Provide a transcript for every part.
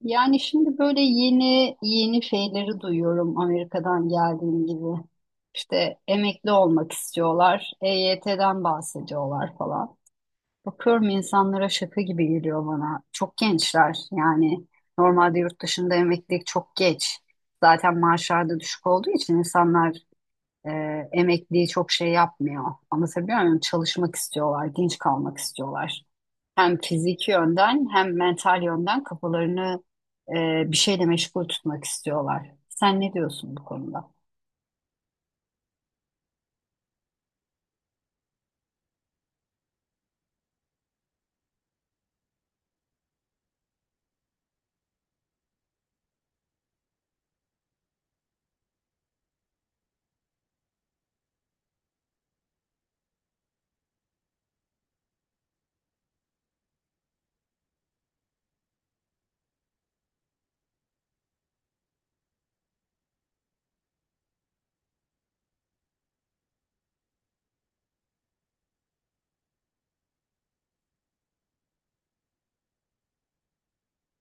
Yani şimdi böyle yeni yeni şeyleri duyuyorum Amerika'dan geldiğim gibi. İşte emekli olmak istiyorlar, EYT'den bahsediyorlar falan. Bakıyorum insanlara şaka gibi geliyor bana. Çok gençler yani normalde yurt dışında emeklilik çok geç. Zaten maaşlar da düşük olduğu için insanlar e, emekliyi çok şey yapmıyor. Anlatabiliyor muyum? Çalışmak istiyorlar, genç kalmak istiyorlar hem fiziki yönden hem mental yönden kafalarını bir şeyle meşgul tutmak istiyorlar. Sen ne diyorsun bu konuda?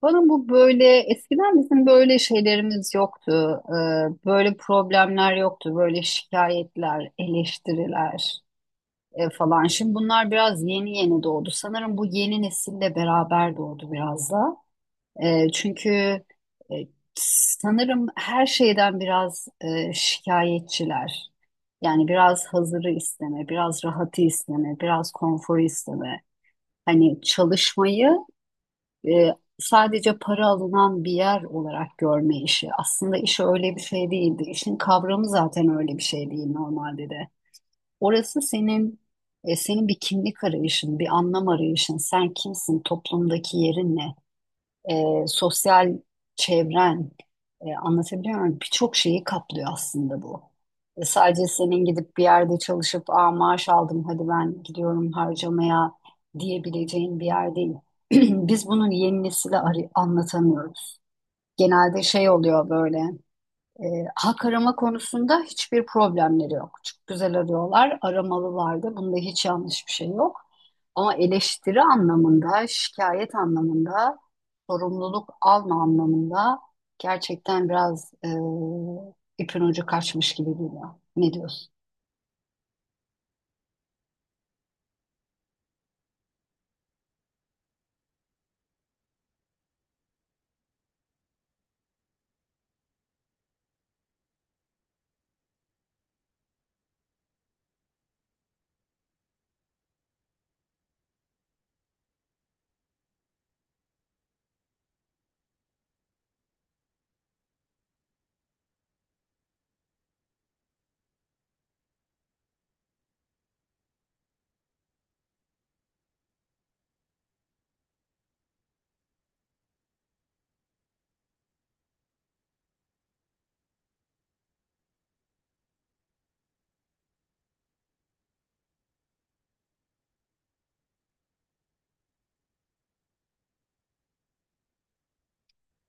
Bana bu böyle eskiden bizim böyle şeylerimiz yoktu. Böyle problemler yoktu. Böyle şikayetler, eleştiriler falan. Şimdi bunlar biraz yeni yeni doğdu. Sanırım bu yeni nesille beraber doğdu biraz da. Çünkü e, sanırım her şeyden biraz şikayetçiler. Yani biraz hazırı isteme, biraz rahatı isteme, biraz konforu isteme. Hani çalışmayı e, sadece para alınan bir yer olarak görme işi. Aslında iş öyle bir şey değildi. İşin kavramı zaten öyle bir şey değil normalde de. Orası senin bir kimlik arayışın, bir anlam arayışın. Sen kimsin, toplumdaki yerin ne? Sosyal çevren, anlatabiliyor muyum? Birçok şeyi kaplıyor aslında bu. Sadece senin gidip bir yerde çalışıp Aa, maaş aldım hadi ben gidiyorum harcamaya diyebileceğin bir yer değil. Biz bunun yeni nesile anlatamıyoruz. Genelde şey oluyor böyle e, hak arama konusunda hiçbir problemleri yok. Çok güzel arıyorlar, aramalılar da bunda hiç yanlış bir şey yok. Ama eleştiri anlamında, şikayet anlamında, sorumluluk alma anlamında gerçekten biraz ipin ucu kaçmış gibi geliyor. Ne diyorsun?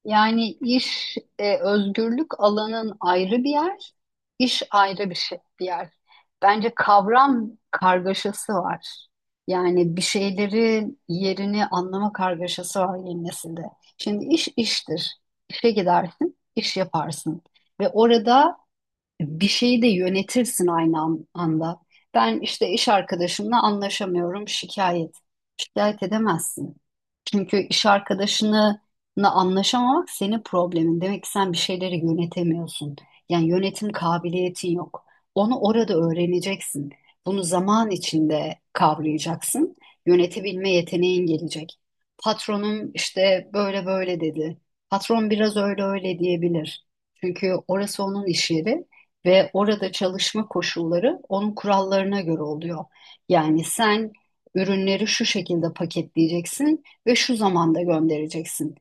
Yani iş özgürlük alanın ayrı bir yer, iş ayrı bir şey, bir yer. Bence kavram kargaşası var. Yani bir şeylerin yerini anlama kargaşası var yeni nesilde. Şimdi iş iştir. İşe gidersin, iş yaparsın. Ve orada bir şeyi de yönetirsin aynı anda. Ben işte iş arkadaşımla anlaşamıyorum, şikayet. Şikayet edemezsin. Çünkü iş arkadaşınla anlaşamamak senin problemin. Demek ki sen bir şeyleri yönetemiyorsun. Yani yönetim kabiliyetin yok. Onu orada öğreneceksin. Bunu zaman içinde kavrayacaksın. Yönetebilme yeteneğin gelecek. Patronum işte böyle böyle dedi. Patron biraz öyle öyle diyebilir. Çünkü orası onun iş yeri ve orada çalışma koşulları onun kurallarına göre oluyor. Yani sen ürünleri şu şekilde paketleyeceksin ve şu zamanda göndereceksin.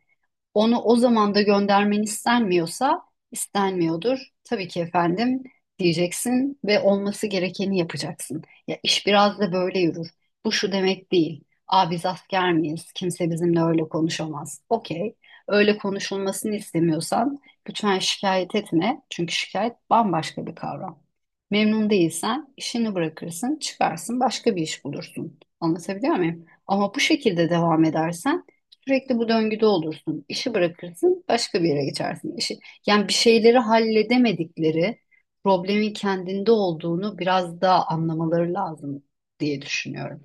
Onu o zamanda göndermen istenmiyorsa istenmiyordur. Tabii ki efendim diyeceksin ve olması gerekeni yapacaksın. Ya iş biraz da böyle yürür. Bu şu demek değil. Aa biz asker miyiz? Kimse bizimle öyle konuşamaz. Okey. Öyle konuşulmasını istemiyorsan lütfen şikayet etme. Çünkü şikayet bambaşka bir kavram. Memnun değilsen işini bırakırsın, çıkarsın, başka bir iş bulursun. Anlatabiliyor muyum? Ama bu şekilde devam edersen sürekli bu döngüde olursun. İşi bırakırsın, başka bir yere geçersin. İşi, yani bir şeyleri halledemedikleri problemin kendinde olduğunu biraz daha anlamaları lazım diye düşünüyorum.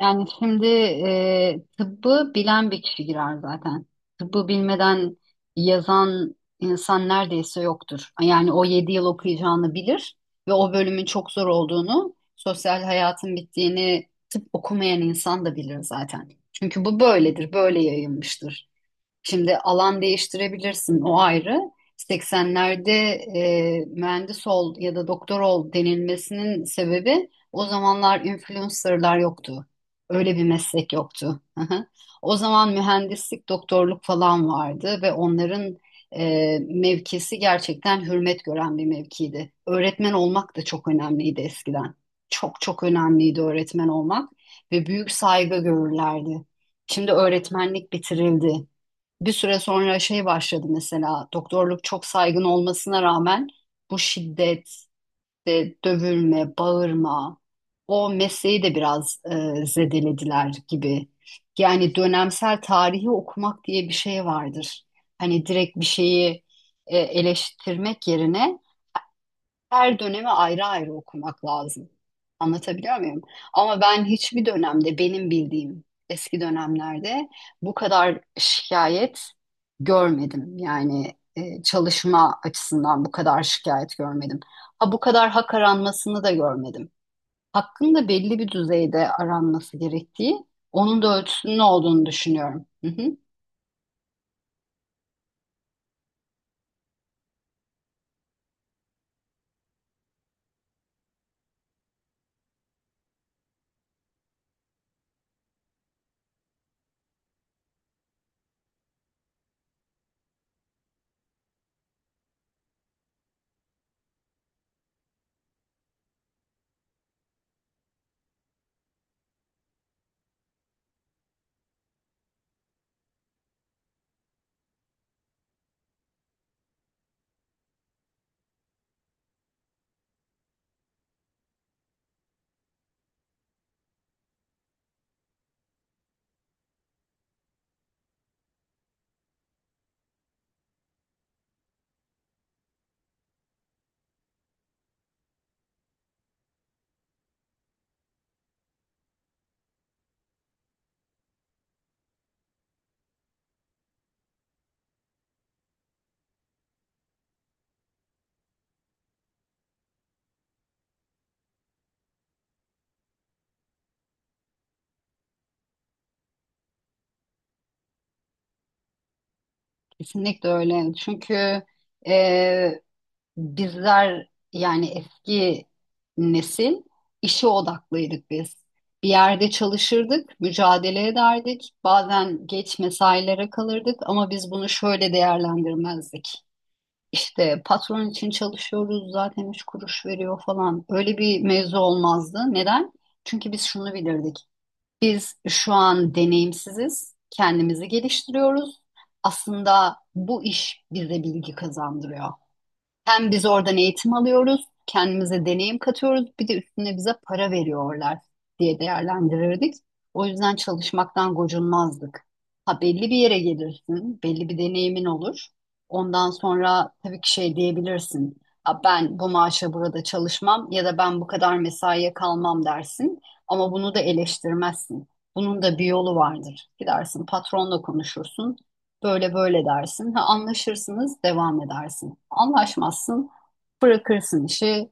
Yani şimdi tıbbı bilen bir kişi girer zaten. Tıbbı bilmeden yazan insan neredeyse yoktur. Yani o 7 yıl okuyacağını bilir ve o bölümün çok zor olduğunu, sosyal hayatın bittiğini tıp okumayan insan da bilir zaten. Çünkü bu böyledir, böyle yayılmıştır. Şimdi alan değiştirebilirsin o ayrı. 80'lerde mühendis ol ya da doktor ol denilmesinin sebebi o zamanlar influencerlar yoktu. Öyle bir meslek yoktu. Hı hı. O zaman mühendislik, doktorluk falan vardı ve onların mevkisi gerçekten hürmet gören bir mevkiydi. Öğretmen olmak da çok önemliydi eskiden. Çok çok önemliydi öğretmen olmak ve büyük saygı görürlerdi. Şimdi öğretmenlik bitirildi, bir süre sonra şey başladı, mesela doktorluk çok saygın olmasına rağmen bu şiddet, işte dövülme, bağırma o mesleği de biraz zedelediler gibi. Yani dönemsel tarihi okumak diye bir şey vardır. Hani direkt bir şeyi eleştirmek yerine her dönemi ayrı ayrı okumak lazım. Anlatabiliyor muyum? Ama ben hiçbir dönemde, benim bildiğim eski dönemlerde, bu kadar şikayet görmedim. Yani çalışma açısından bu kadar şikayet görmedim. Ha, bu kadar hak aranmasını da görmedim. Hakkın da belli bir düzeyde aranması gerektiği, onun da ölçüsünün olduğunu düşünüyorum. Hı hı. Kesinlikle öyle. Çünkü e, bizler yani eski nesil işe odaklıydık biz. Bir yerde çalışırdık, mücadele ederdik. Bazen geç mesailere kalırdık ama biz bunu şöyle değerlendirmezdik. İşte patron için çalışıyoruz zaten, üç kuruş veriyor falan. Öyle bir mevzu olmazdı. Neden? Çünkü biz şunu bilirdik. Biz şu an deneyimsiziz, kendimizi geliştiriyoruz. Aslında bu iş bize bilgi kazandırıyor. Hem biz oradan eğitim alıyoruz, kendimize deneyim katıyoruz, bir de üstüne bize para veriyorlar diye değerlendirirdik. O yüzden çalışmaktan gocunmazdık. Ha, belli bir yere gelirsin, belli bir deneyimin olur. Ondan sonra tabii ki şey diyebilirsin. Ha, ben bu maaşa burada çalışmam ya da ben bu kadar mesaiye kalmam dersin. Ama bunu da eleştirmezsin. Bunun da bir yolu vardır. Gidersin patronla konuşursun. Böyle böyle dersin. Ha, anlaşırsınız, devam edersin. Anlaşmazsın, bırakırsın işi,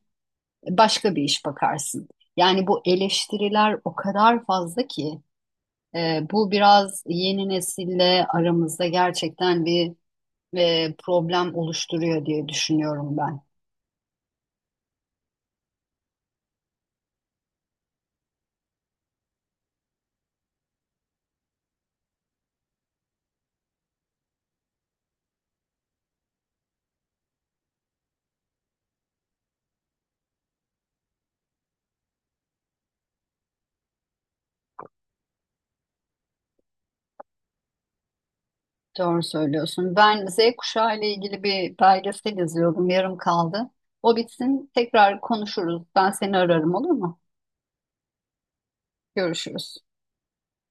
başka bir iş bakarsın. Yani bu eleştiriler o kadar fazla ki bu biraz yeni nesille aramızda gerçekten bir problem oluşturuyor diye düşünüyorum ben. Doğru söylüyorsun. Ben Z kuşağı ile ilgili bir belgesel izliyordum, yarım kaldı. O bitsin, tekrar konuşuruz. Ben seni ararım, olur mu? Görüşürüz.